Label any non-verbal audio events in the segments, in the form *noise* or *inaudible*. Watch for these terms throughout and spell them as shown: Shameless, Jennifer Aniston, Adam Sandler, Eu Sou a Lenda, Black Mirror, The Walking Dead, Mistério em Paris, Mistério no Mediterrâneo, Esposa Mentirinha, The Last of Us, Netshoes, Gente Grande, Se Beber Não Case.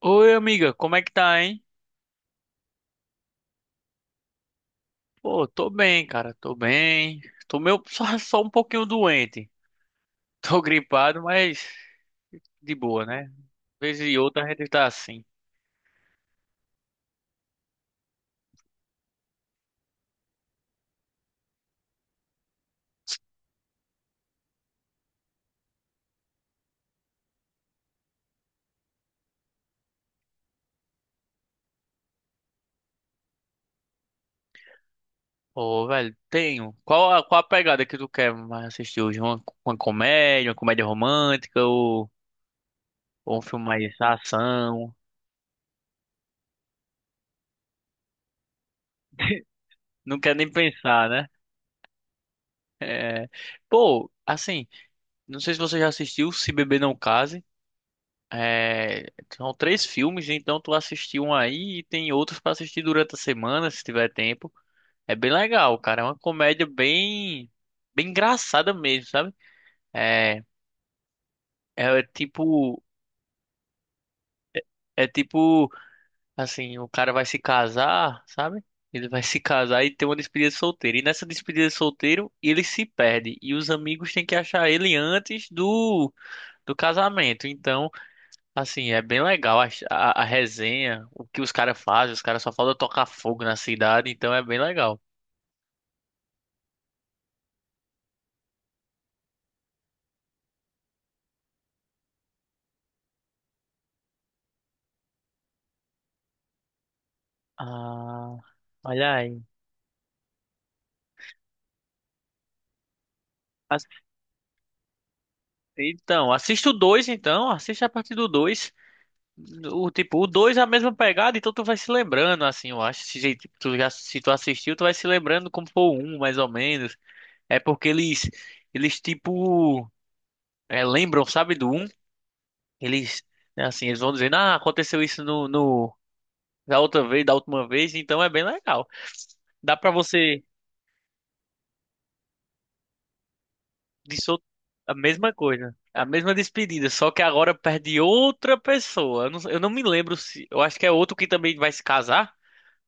Oi, amiga, como é que tá, hein? Pô, tô bem, cara, tô bem. Tô meio *laughs* só um pouquinho doente. Tô gripado, mas de boa, né? Vez e outra a gente tá assim. Ô, velho, tenho. Qual a pegada que tu quer mais assistir hoje? Uma comédia, uma comédia romântica ou um filme mais ação? Não quero nem pensar, né? É... Pô, assim, não sei se você já assistiu Se Beber Não Case. É, são três filmes, então tu assistiu um aí e tem outros pra assistir durante a semana, se tiver tempo. É bem legal, cara. É uma comédia bem engraçada mesmo, sabe? É, é é tipo, é tipo, assim, o cara vai se casar, sabe? Ele vai se casar e tem uma despedida de solteiro. E nessa despedida de solteiro, ele se perde. E os amigos têm que achar ele antes do casamento. Então, assim, é bem legal a resenha, o que os caras fazem, os caras só faltam tocar fogo na cidade, então é bem legal. Ah, olha aí. Assi- Então, assista o 2 então, assiste a partir do dois. O tipo, o 2 é a mesma pegada, então tu vai se lembrando, assim, eu acho. Se tu assistiu, tu vai se lembrando como foi o 1, mais ou menos. É porque eles lembram, sabe, do um. Eles, É assim, eles vão dizendo, ah, aconteceu isso no da outra vez, da última vez, então é bem legal. Dá pra você disso a mesma coisa, a mesma despedida, só que agora perde outra pessoa. Eu não me lembro se, eu acho que é outro que também vai se casar,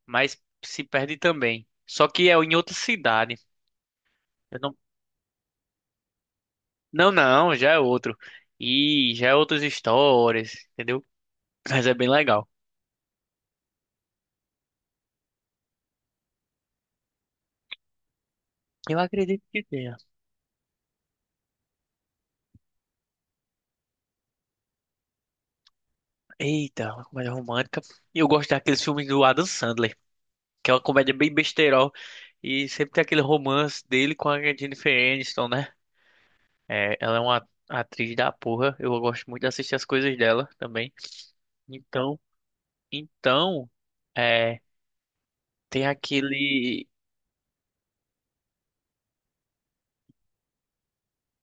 mas se perde também. Só que é em outra cidade. Eu não, não, não, já é outro. E já é outras histórias, entendeu? Mas é bem legal. Eu acredito que tenha. Eita, uma comédia romântica. E eu gosto daqueles filmes do Adam Sandler, que é uma comédia bem besterol. E sempre tem aquele romance dele com a Jennifer Aniston, né? É, ela é uma atriz da porra. Eu gosto muito de assistir as coisas dela também. Então, então, é, tem aquele.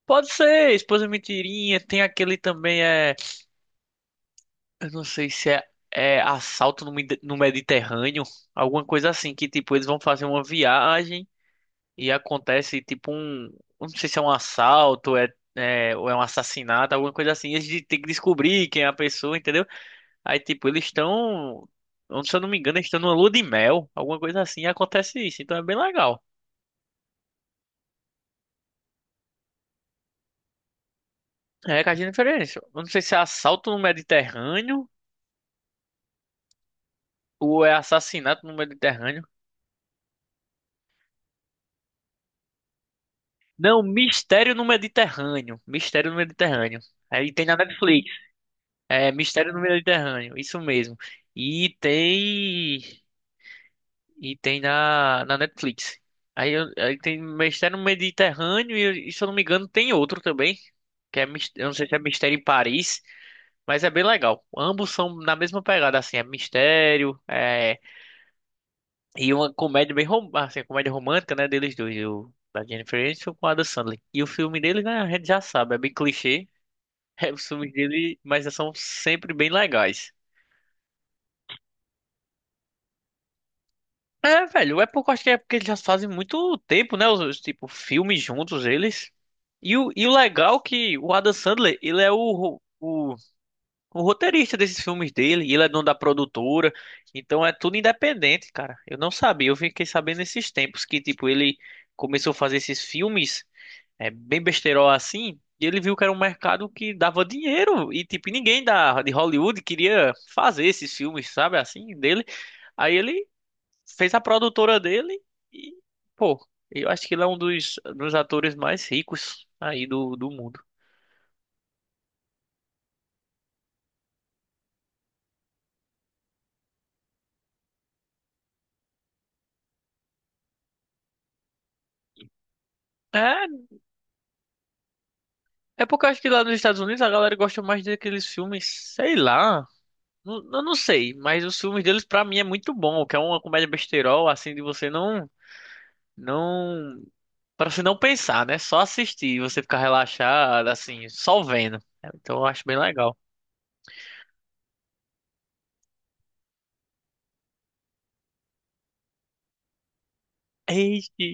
Pode ser, Esposa Mentirinha. Tem aquele também, é. Eu não sei se é Assalto no Medi- no Mediterrâneo. Alguma coisa assim, que tipo, eles vão fazer uma viagem. E acontece tipo um, eu não sei se é um assalto, é ou é um assassinato, alguma coisa assim. Eles têm que descobrir quem é a pessoa, entendeu? Aí tipo eles estão, se eu não me engano, eles estão numa lua de mel, alguma coisa assim. E acontece isso, então é bem legal. É, que a gente diferença. Eu não sei se é assalto no Mediterrâneo ou é assassinato no Mediterrâneo. Não, Mistério no Mediterrâneo. Mistério no Mediterrâneo. Aí tem na Netflix. É Mistério no Mediterrâneo, isso mesmo. E tem. E tem na Netflix. Aí tem Mistério no Mediterrâneo e, se eu não me engano, tem outro também. Eu não sei se é Mistério em Paris, mas é bem legal. Ambos são na mesma pegada, assim, é mistério, é, e uma comédia bem rom, assim, comédia romântica, né, deles dois, o, da Jennifer Aniston com o Adam Sandler. E o filme dele, né, a gente já sabe, é bem clichê. *laughs* É, os filmes dele, mas são sempre bem legais. É, velho, é porque eu acho que é porque eles já fazem muito tempo, né? Os, tipo, filmes juntos, eles. E o legal é que o Adam Sandler, ele é o o, roteirista desses filmes dele, ele é dono da produtora, então é tudo independente, cara. Eu não sabia, eu fiquei sabendo nesses tempos que, tipo, ele começou a fazer esses filmes, é, bem besterol assim, e ele viu que era um mercado que dava dinheiro, e, tipo, ninguém de Hollywood queria fazer esses filmes, sabe, assim, dele. Aí ele fez a produtora dele e, pô, eu acho que ele é um dos atores mais ricos aí do mundo. É, é porque eu acho que lá nos Estados Unidos a galera gosta mais daqueles filmes, sei lá. Eu não sei, mas os filmes deles pra mim é muito bom, que é uma comédia besterol, assim, de você não, para você não pensar, né? Só assistir, e você ficar relaxado, assim, só vendo. Então eu acho bem legal. Eita.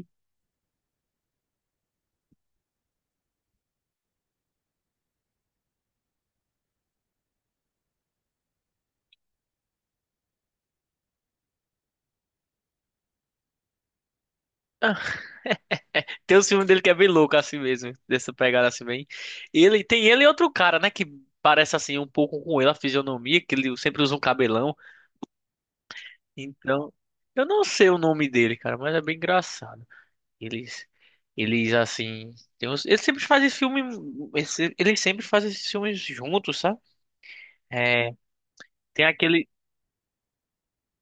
Tem um filme dele que é bem louco assim mesmo, dessa pegada assim bem. Ele tem ele e outro cara, né, que parece assim um pouco com ele a fisionomia, que ele sempre usa um cabelão. Então, eu não sei o nome dele, cara, mas é bem engraçado. Eles eles assim, eles sempre fazem filme, eles sempre fazem esses filmes juntos, sabe? É, tem aquele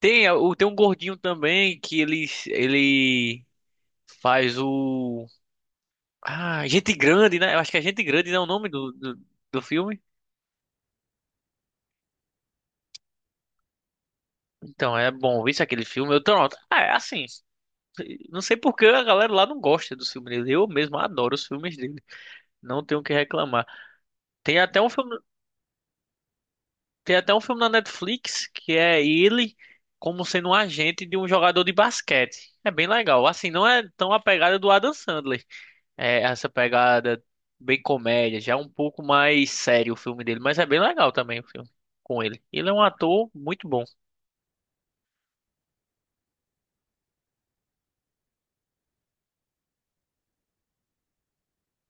tem é, o tem um gordinho também que ele faz o... Ah, Gente Grande, né? Eu acho que é Gente Grande, né? O nome do filme. Então, é bom. Isso aquele filme, eu tô... Ah, é assim. Não sei por que a galera lá não gosta dos filmes dele. Eu mesmo adoro os filmes dele. Não tenho o que reclamar. Tem até um filme, Tem até um filme na Netflix que é ele como sendo um agente de um jogador de basquete. É bem legal. Assim, não é tão a pegada do Adam Sandler. É essa pegada bem comédia, já é um pouco mais sério o filme dele, mas é bem legal também o filme com ele. Ele é um ator muito bom.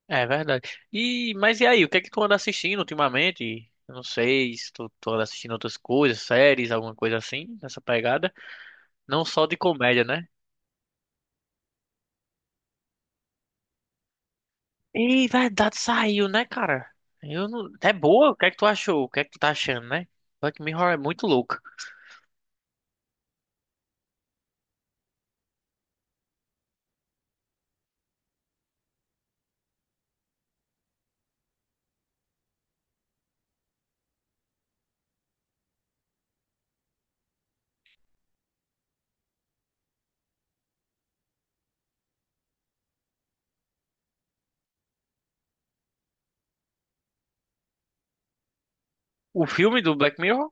É verdade. E, mas e aí, o que é que tu anda assistindo ultimamente? Eu não sei se tu, tu anda assistindo outras coisas, séries, alguma coisa assim, nessa pegada. Não só de comédia, né? Ei, verdade, saiu, né, cara? Eu não... É boa, o que é que tu achou? O que é que tu tá achando, né? Black Mirror é muito louco. O filme do Black Mirror?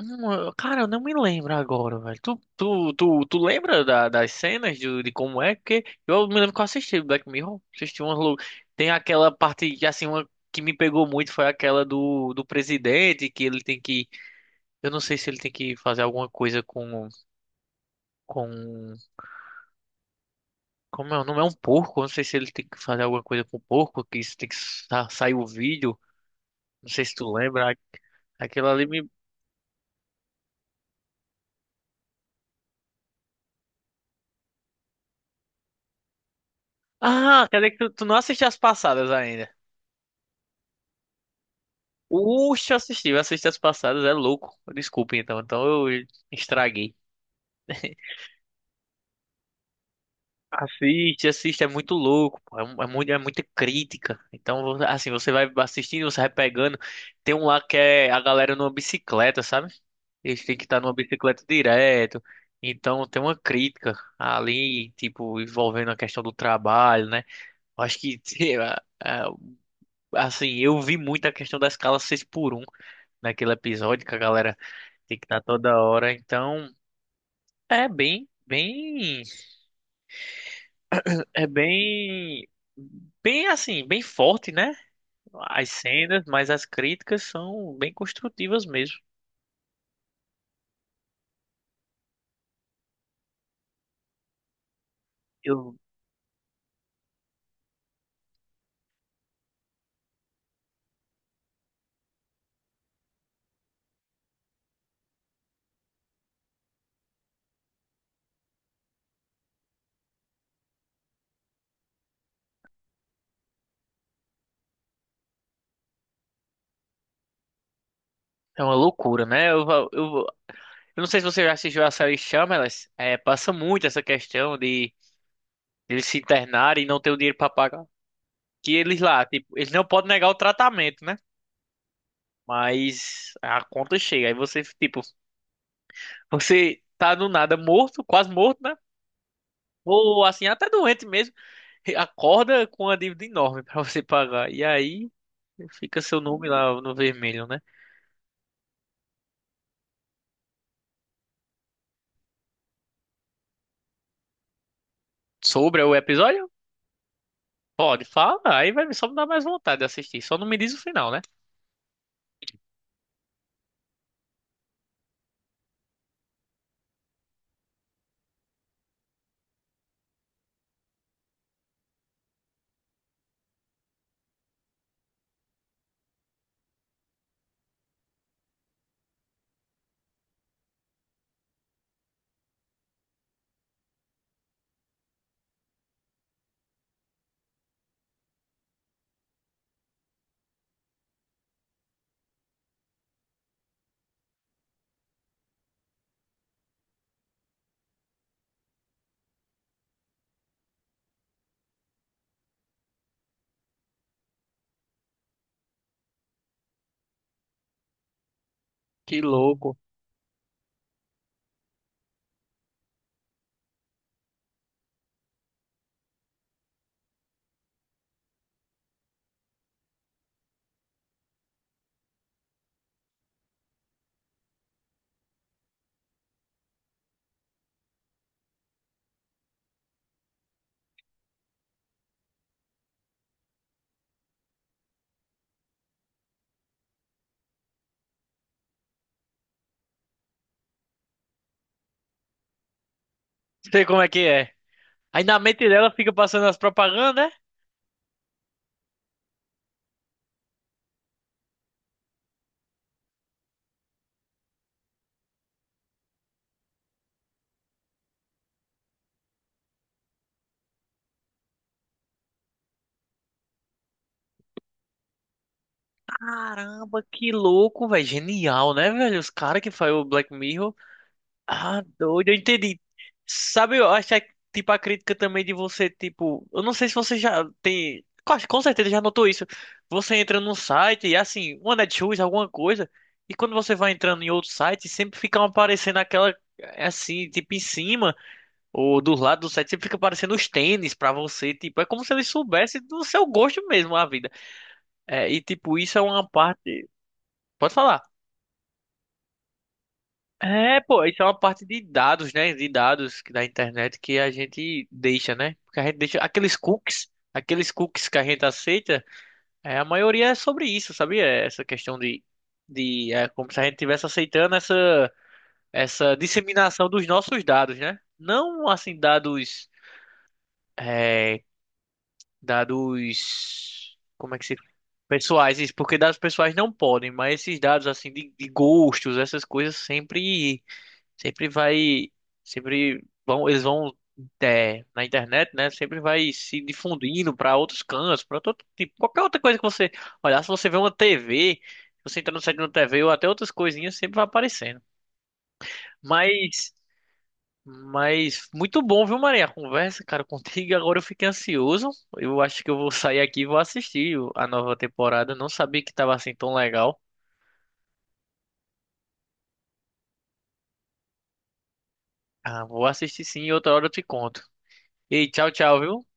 Cara, eu não me lembro agora, velho. Tu lembra da- das cenas de como é? Porque eu me lembro que eu assisti Black Mirror. Assisti umas lou-. Tem aquela parte que, assim, uma que me pegou muito foi aquela do presidente, que ele tem que. Eu não sei se ele tem que fazer alguma coisa com. Com... Como é? O É um porco. Eu não sei se ele tem que fazer alguma coisa com o porco, que isso tem que sa- sair o vídeo. Não sei se tu lembra. Aquela ali me. Ah, quer dizer que tu não assistiu as passadas ainda. Uxa, assisti, eu assisti as passadas, é louco. Desculpe então, então eu estraguei. Assiste, assiste, é muito louco, pô. É, mu- é muito, é muita crítica. Então, assim, você vai assistindo, você vai pegando. Tem um lá que é a galera numa bicicleta, sabe? Eles têm que estar numa bicicleta direto. Então, tem uma crítica ali, tipo, envolvendo a questão do trabalho, né? Eu acho que, *laughs* sei lá, ah, assim, eu vi muito a questão da escala 6 por um naquele episódio que a galera tem que estar toda hora, então é bem, bem, é bem assim, bem forte, né? As cenas, mas as críticas são bem construtivas mesmo. Eu, É uma loucura, né? Eu não sei se você já assistiu a série Shameless, é, passa muito essa questão de eles se internarem e não ter o dinheiro para pagar. Que eles lá, tipo, eles não podem negar o tratamento, né? Mas a conta chega, aí você, tipo, você tá do nada morto, quase morto, né? Ou assim, até doente mesmo, *laughs* acorda com uma dívida enorme pra você pagar. E aí fica seu nome lá no vermelho, né? Sobre o episódio? Pode, fala. Aí vai só me dar mais vontade de assistir. Só não me diz o final, né? Que louco. Sei como é que é. Aí na mente dela fica passando as propagandas, né? Caramba, que louco, velho. Genial, né, velho? Os caras que faz o Black Mirror. Ah, doido, eu entendi. Sabe, eu acho que, é, tipo, a crítica também de você, tipo, eu não sei se você já tem, com certeza já notou isso. Você entra num site e, assim, uma Netshoes, alguma coisa, e quando você vai entrando em outro site, sempre fica aparecendo aquela, eh, assim, tipo, em cima ou do lado do site, sempre fica aparecendo os tênis pra você, tipo, é como se eles soubessem do seu gosto mesmo a vida. É, e, tipo, isso é uma parte. Pode falar. É, pô, isso é uma parte de dados, né? Da internet que a gente deixa, né? Porque a gente deixa aqueles cookies que a gente aceita, é, a maioria é sobre isso, sabia? É essa questão de é como se a gente estivesse aceitando essa, essa disseminação dos nossos dados, né? Não assim dados, é, dados, como é que se pessoais, isso, porque dados pessoais não podem, mas esses dados assim de gostos, essas coisas sempre vai, sempre vão, eles vão é, na internet, né? Sempre vai se difundindo para outros cantos, para todo tipo, qualquer outra coisa que você olhar, se você vê uma TV, você entra no site de uma TV ou até outras coisinhas, sempre vai aparecendo. Mas, mas muito bom, viu, Maria? A conversa, cara, *laughs* contigo. Agora eu fiquei ansioso. Eu acho que eu vou sair aqui e vou assistir a nova temporada. Não sabia que tava assim tão legal. Ah, vou assistir sim, e outra hora eu te conto. E tchau, tchau, viu?